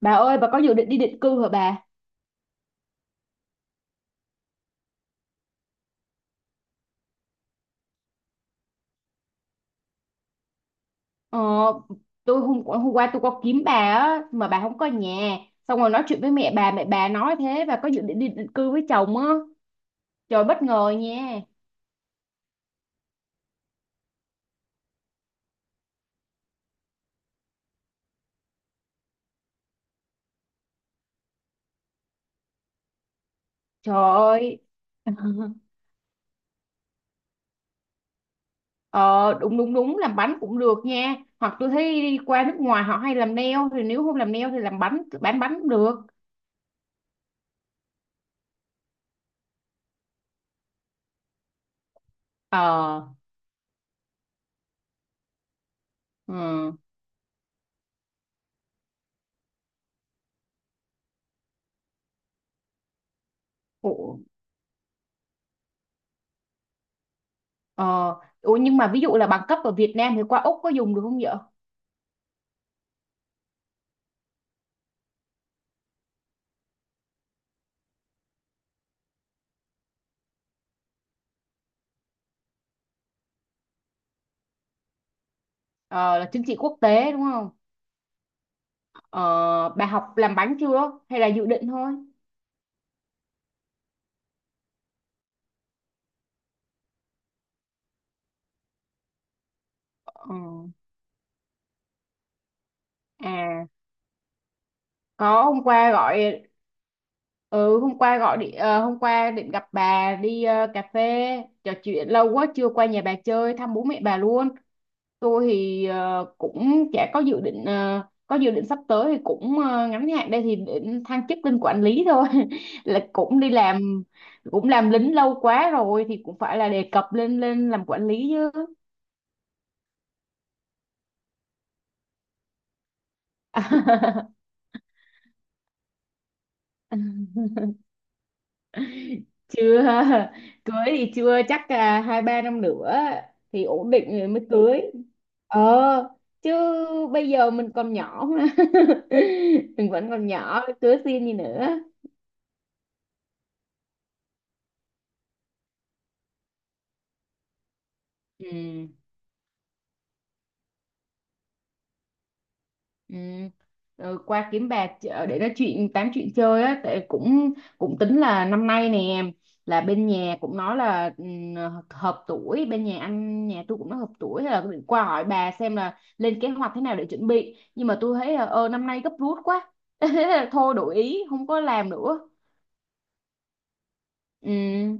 Bà ơi, bà có dự định đi định cư hả bà? Ờ, tôi hôm hôm qua tôi có kiếm bà á mà bà không có nhà. Xong rồi nói chuyện với mẹ bà nói thế bà có dự định đi định cư với chồng á. Trời, bất ngờ nha. Trời ơi. Ờ, đúng đúng đúng, làm bánh cũng được nha. Hoặc tôi thấy đi qua nước ngoài họ hay làm nail, thì nếu không làm nail thì làm bánh, bán bánh cũng được. Ờ. Ừ. Ủa, ờ Ủa nhưng mà ví dụ là bằng cấp ở Việt Nam thì qua Úc có dùng được không vậy? Ờ, là chứng chỉ quốc tế đúng không? Ờ, bà học làm bánh chưa hay là dự định thôi? Ờ, à, có, hôm qua gọi. Ừ, hôm qua gọi đi, hôm qua định gặp bà đi cà phê, trò chuyện lâu quá chưa qua nhà bà chơi thăm bố mẹ bà luôn. Tôi thì cũng chả có dự định, có dự định sắp tới thì cũng ngắn hạn đây, thì định thăng chức lên quản lý thôi là cũng đi làm, cũng làm lính lâu quá rồi thì cũng phải là đề cập lên lên làm quản lý chứ. Chưa. Cưới thì chưa chắc là 2 3 năm nữa thì ổn định rồi mới cưới. Ờ, chứ bây giờ mình còn nhỏ mà. Mình vẫn còn nhỏ, cưới xin gì nữa. Ừ. Ừ. Rồi qua kiếm bạc để nói chuyện, tám chuyện chơi á, tại cũng cũng tính là năm nay nè, là bên nhà cũng nói là, hợp tuổi, bên nhà anh nhà tôi cũng nói hợp tuổi, hay là tôi định qua hỏi bà xem là lên kế hoạch thế nào để chuẩn bị, nhưng mà tôi thấy là năm nay gấp rút quá. Thế là thôi, đổi ý không có làm nữa. Ừ.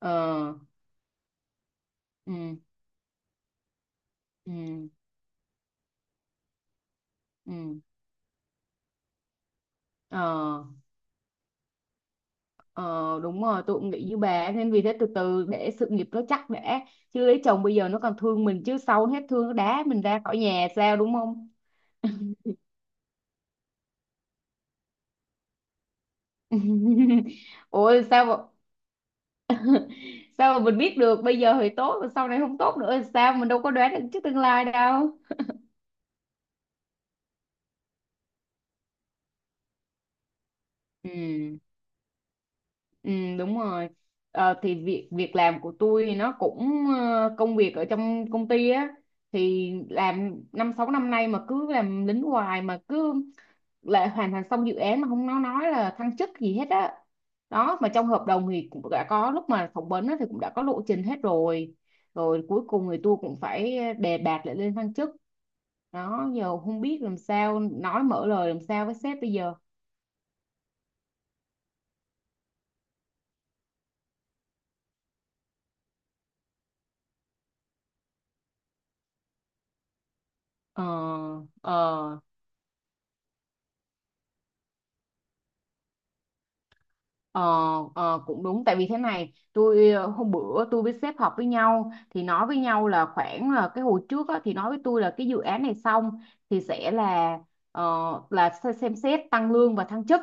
Ờ. Ừ. Ừ. Ừ. Ờ. Ờ, đúng rồi, tôi cũng nghĩ như bà ấy, nên vì thế từ từ để sự nghiệp nó chắc đã, chứ lấy chồng bây giờ nó còn thương mình, chứ sau hết thương nó đá mình ra khỏi nhà sao, đúng không? Ôi sao mà mình biết được bây giờ thì tốt rồi sau này không tốt nữa thì sao, mình đâu có đoán được trước tương lai đâu. Ừ. Ừ, đúng rồi. Ờ, thì việc việc làm của tôi thì nó cũng, công việc ở trong công ty á, thì làm 5 6 năm nay mà cứ làm lính hoài, mà cứ lại hoàn thành xong dự án mà không, nó nói là thăng chức gì hết á. Đó, mà trong hợp đồng thì cũng đã có lúc mà phỏng vấn á, thì cũng đã có lộ trình hết rồi, rồi cuối cùng thì tôi cũng phải đề bạt lại lên thăng chức. Đó, giờ không biết làm sao, nói mở lời làm sao với sếp bây giờ. Ờ. Ờ. Ờ, cũng đúng, tại vì thế này tôi hôm bữa tôi với sếp họp với nhau thì nói với nhau là khoảng là cái hồi trước á, thì nói với tôi là cái dự án này xong thì sẽ là ờ, xem xét tăng lương và thăng chức.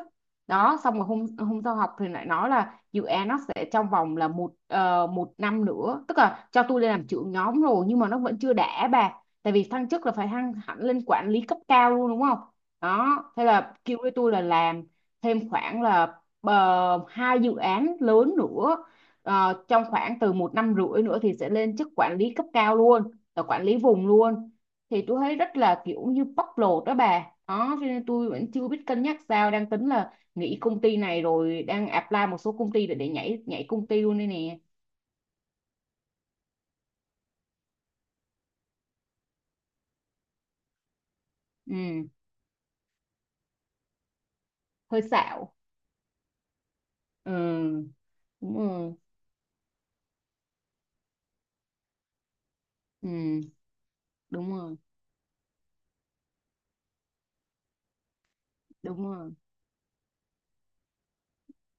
Đó, xong rồi hôm hôm sau họp thì lại nói là dự án nó sẽ trong vòng là một năm nữa, tức là cho tôi lên làm trưởng nhóm rồi, nhưng mà nó vẫn chưa đã bà, tại vì thăng chức là phải thăng hẳn lên quản lý cấp cao luôn đúng không. Đó, thế là kêu với tôi là làm thêm khoảng là hai dự án lớn nữa. Ờ, trong khoảng từ một năm rưỡi nữa thì sẽ lên chức quản lý cấp cao luôn, là quản lý vùng luôn. Thì tôi thấy rất là kiểu như bóc lột đó bà, đó cho nên tôi vẫn chưa biết cân nhắc sao, đang tính là nghỉ công ty này rồi đang apply một số công ty để nhảy nhảy công ty luôn đây nè. Ừ. Hơi xạo. Ừ, đúng rồi. Ừ, đúng rồi, đúng rồi.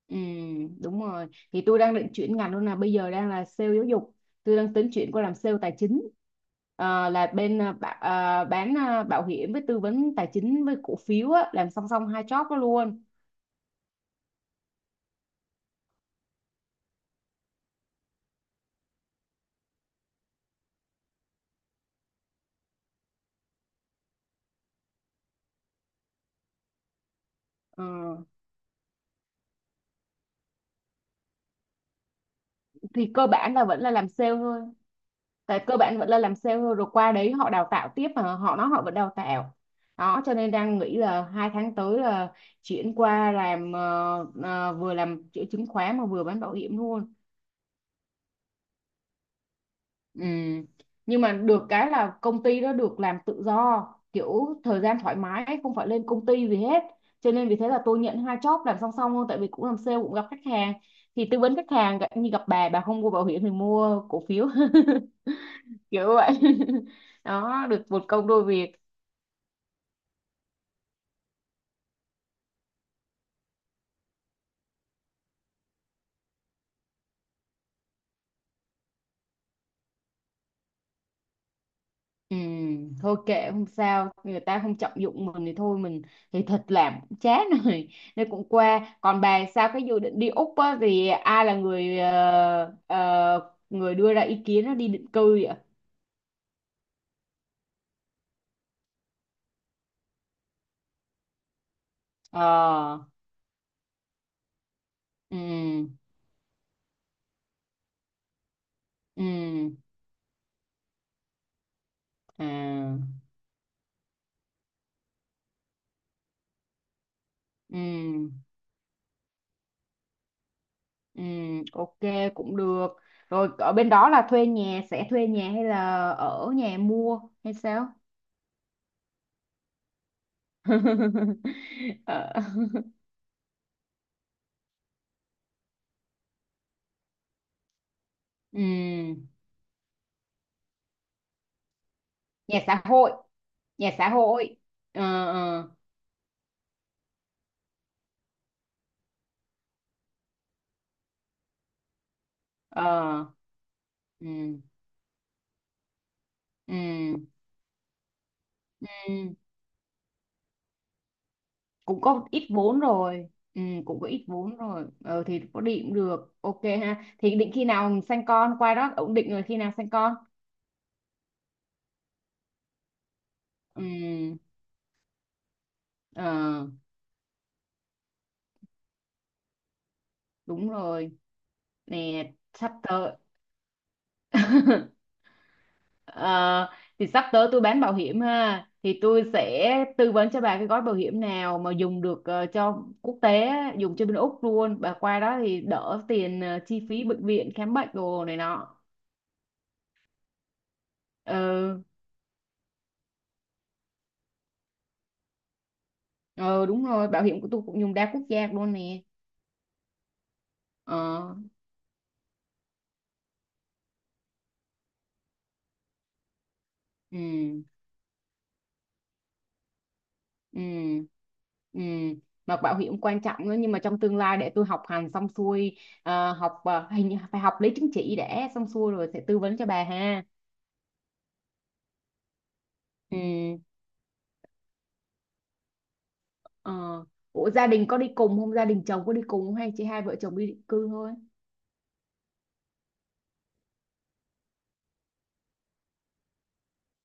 Ừ, đúng rồi. Thì tôi đang định chuyển ngành luôn là bây giờ đang là sale giáo dục. Tôi đang tính chuyển qua làm sale tài chính. Ờ, là bên bán bảo hiểm, với tư vấn tài chính, với cổ phiếu á, làm song song hai job đó luôn. Ờ, thì cơ bản là vẫn là làm sale thôi. Tại cơ bản vẫn là làm sale thôi, rồi qua đấy họ đào tạo tiếp mà họ nói họ vẫn đào tạo. Đó cho nên đang nghĩ là 2 tháng tới là chuyển qua làm vừa làm chữa chứng khoán mà vừa bán bảo hiểm luôn. Ừ. Nhưng mà được cái là công ty đó được làm tự do, kiểu thời gian thoải mái, không phải lên công ty gì hết, cho nên vì thế là tôi nhận hai job làm song song luôn, tại vì cũng làm sale cũng gặp khách hàng, thì tư vấn khách hàng, như gặp bà không mua bảo hiểm thì mua cổ phiếu. Kiểu vậy. Đó, được một công đôi việc. Ừ, thôi kệ, không sao, người ta không trọng dụng mình thì thôi mình, thì thật làm cũng chán rồi, nên cũng qua. Còn bà sao, cái dự định đi Úc á, thì ai là người người đưa ra ý kiến nó đi định cư vậy? Ờ. Ừ. Ừ. À. Ừ. Ừ. Ok, cũng được. Rồi ở bên đó là thuê nhà, sẽ thuê nhà hay là ở nhà mua hay sao? Ờ. Ừ. Nhà xã hội. Nhà xã hội. Ờ. Ờ. Ờ. Ừ. Ừ. Ừ. Cũng có ít vốn rồi. Ừ, cũng có ít vốn rồi. Ờ, thì có định cũng được, ok ha, thì định khi nào mình sanh con qua đó ổn định rồi khi nào sanh con. Ừ. Ờ, đúng rồi. Nè sắp tới. Ờ, thì sắp tới tôi bán bảo hiểm ha, thì tôi sẽ tư vấn cho bà cái gói bảo hiểm nào mà dùng được cho quốc tế á, dùng cho bên Úc luôn, bà qua đó thì đỡ tiền chi phí bệnh viện khám bệnh đồ này nọ. Ờ. Ờ, đúng rồi, bảo hiểm của tôi cũng dùng đa quốc gia luôn nè. Ờ. Ừ. Ừ. Ừ, mà bảo hiểm quan trọng nữa, nhưng mà trong tương lai để tôi học hành xong xuôi, học hình như phải học lấy chứng chỉ để xong xuôi rồi sẽ tư vấn cho bà ha. Ừ. Ờ. Ủa gia đình có đi cùng không? Gia đình chồng có đi cùng không? Hay chỉ hai vợ chồng đi định cư thôi?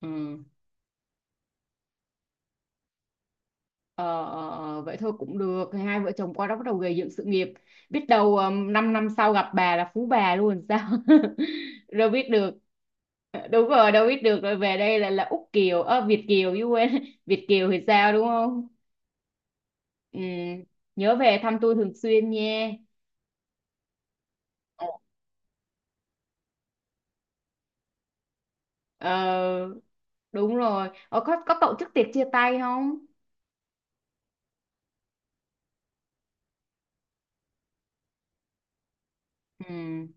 Ừ. Ờ, Vậy thôi cũng được. Thì hai vợ chồng qua đó bắt đầu gây dựng sự nghiệp, biết đâu 5 năm năm sau gặp bà là phú bà luôn sao. Đâu biết được. Đúng rồi, đâu biết được. Rồi về đây là Úc Kiều, Việt Kiều chứ, quên, Việt Kiều thì sao đúng không. Ừ. Nhớ về thăm tôi thường xuyên nha. Ờ, đúng rồi. Ờ, có tổ chức tiệc chia tay không? Ừ.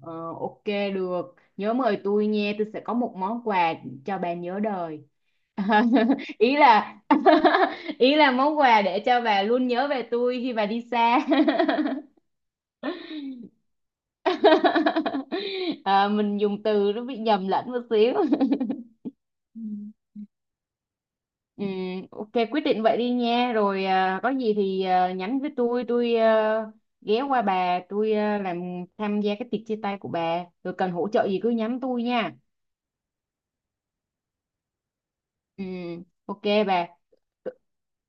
Ờ, ok, được, nhớ mời tôi nha, tôi sẽ có một món quà cho bà nhớ đời. Ý là, ý là món quà để cho bà luôn nhớ về tôi khi bà đi xa. À, mình dùng từ nó bị nhầm lẫn một xíu. Ừ. Ừ, ok quyết định vậy đi nha, rồi có gì thì nhắn với tôi, tôi ghé qua bà, tôi làm tham gia cái tiệc chia tay của bà, rồi cần hỗ trợ gì cứ nhắn tôi nha. Ừ, ok bà.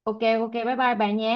Ok ok bye bye bà nha.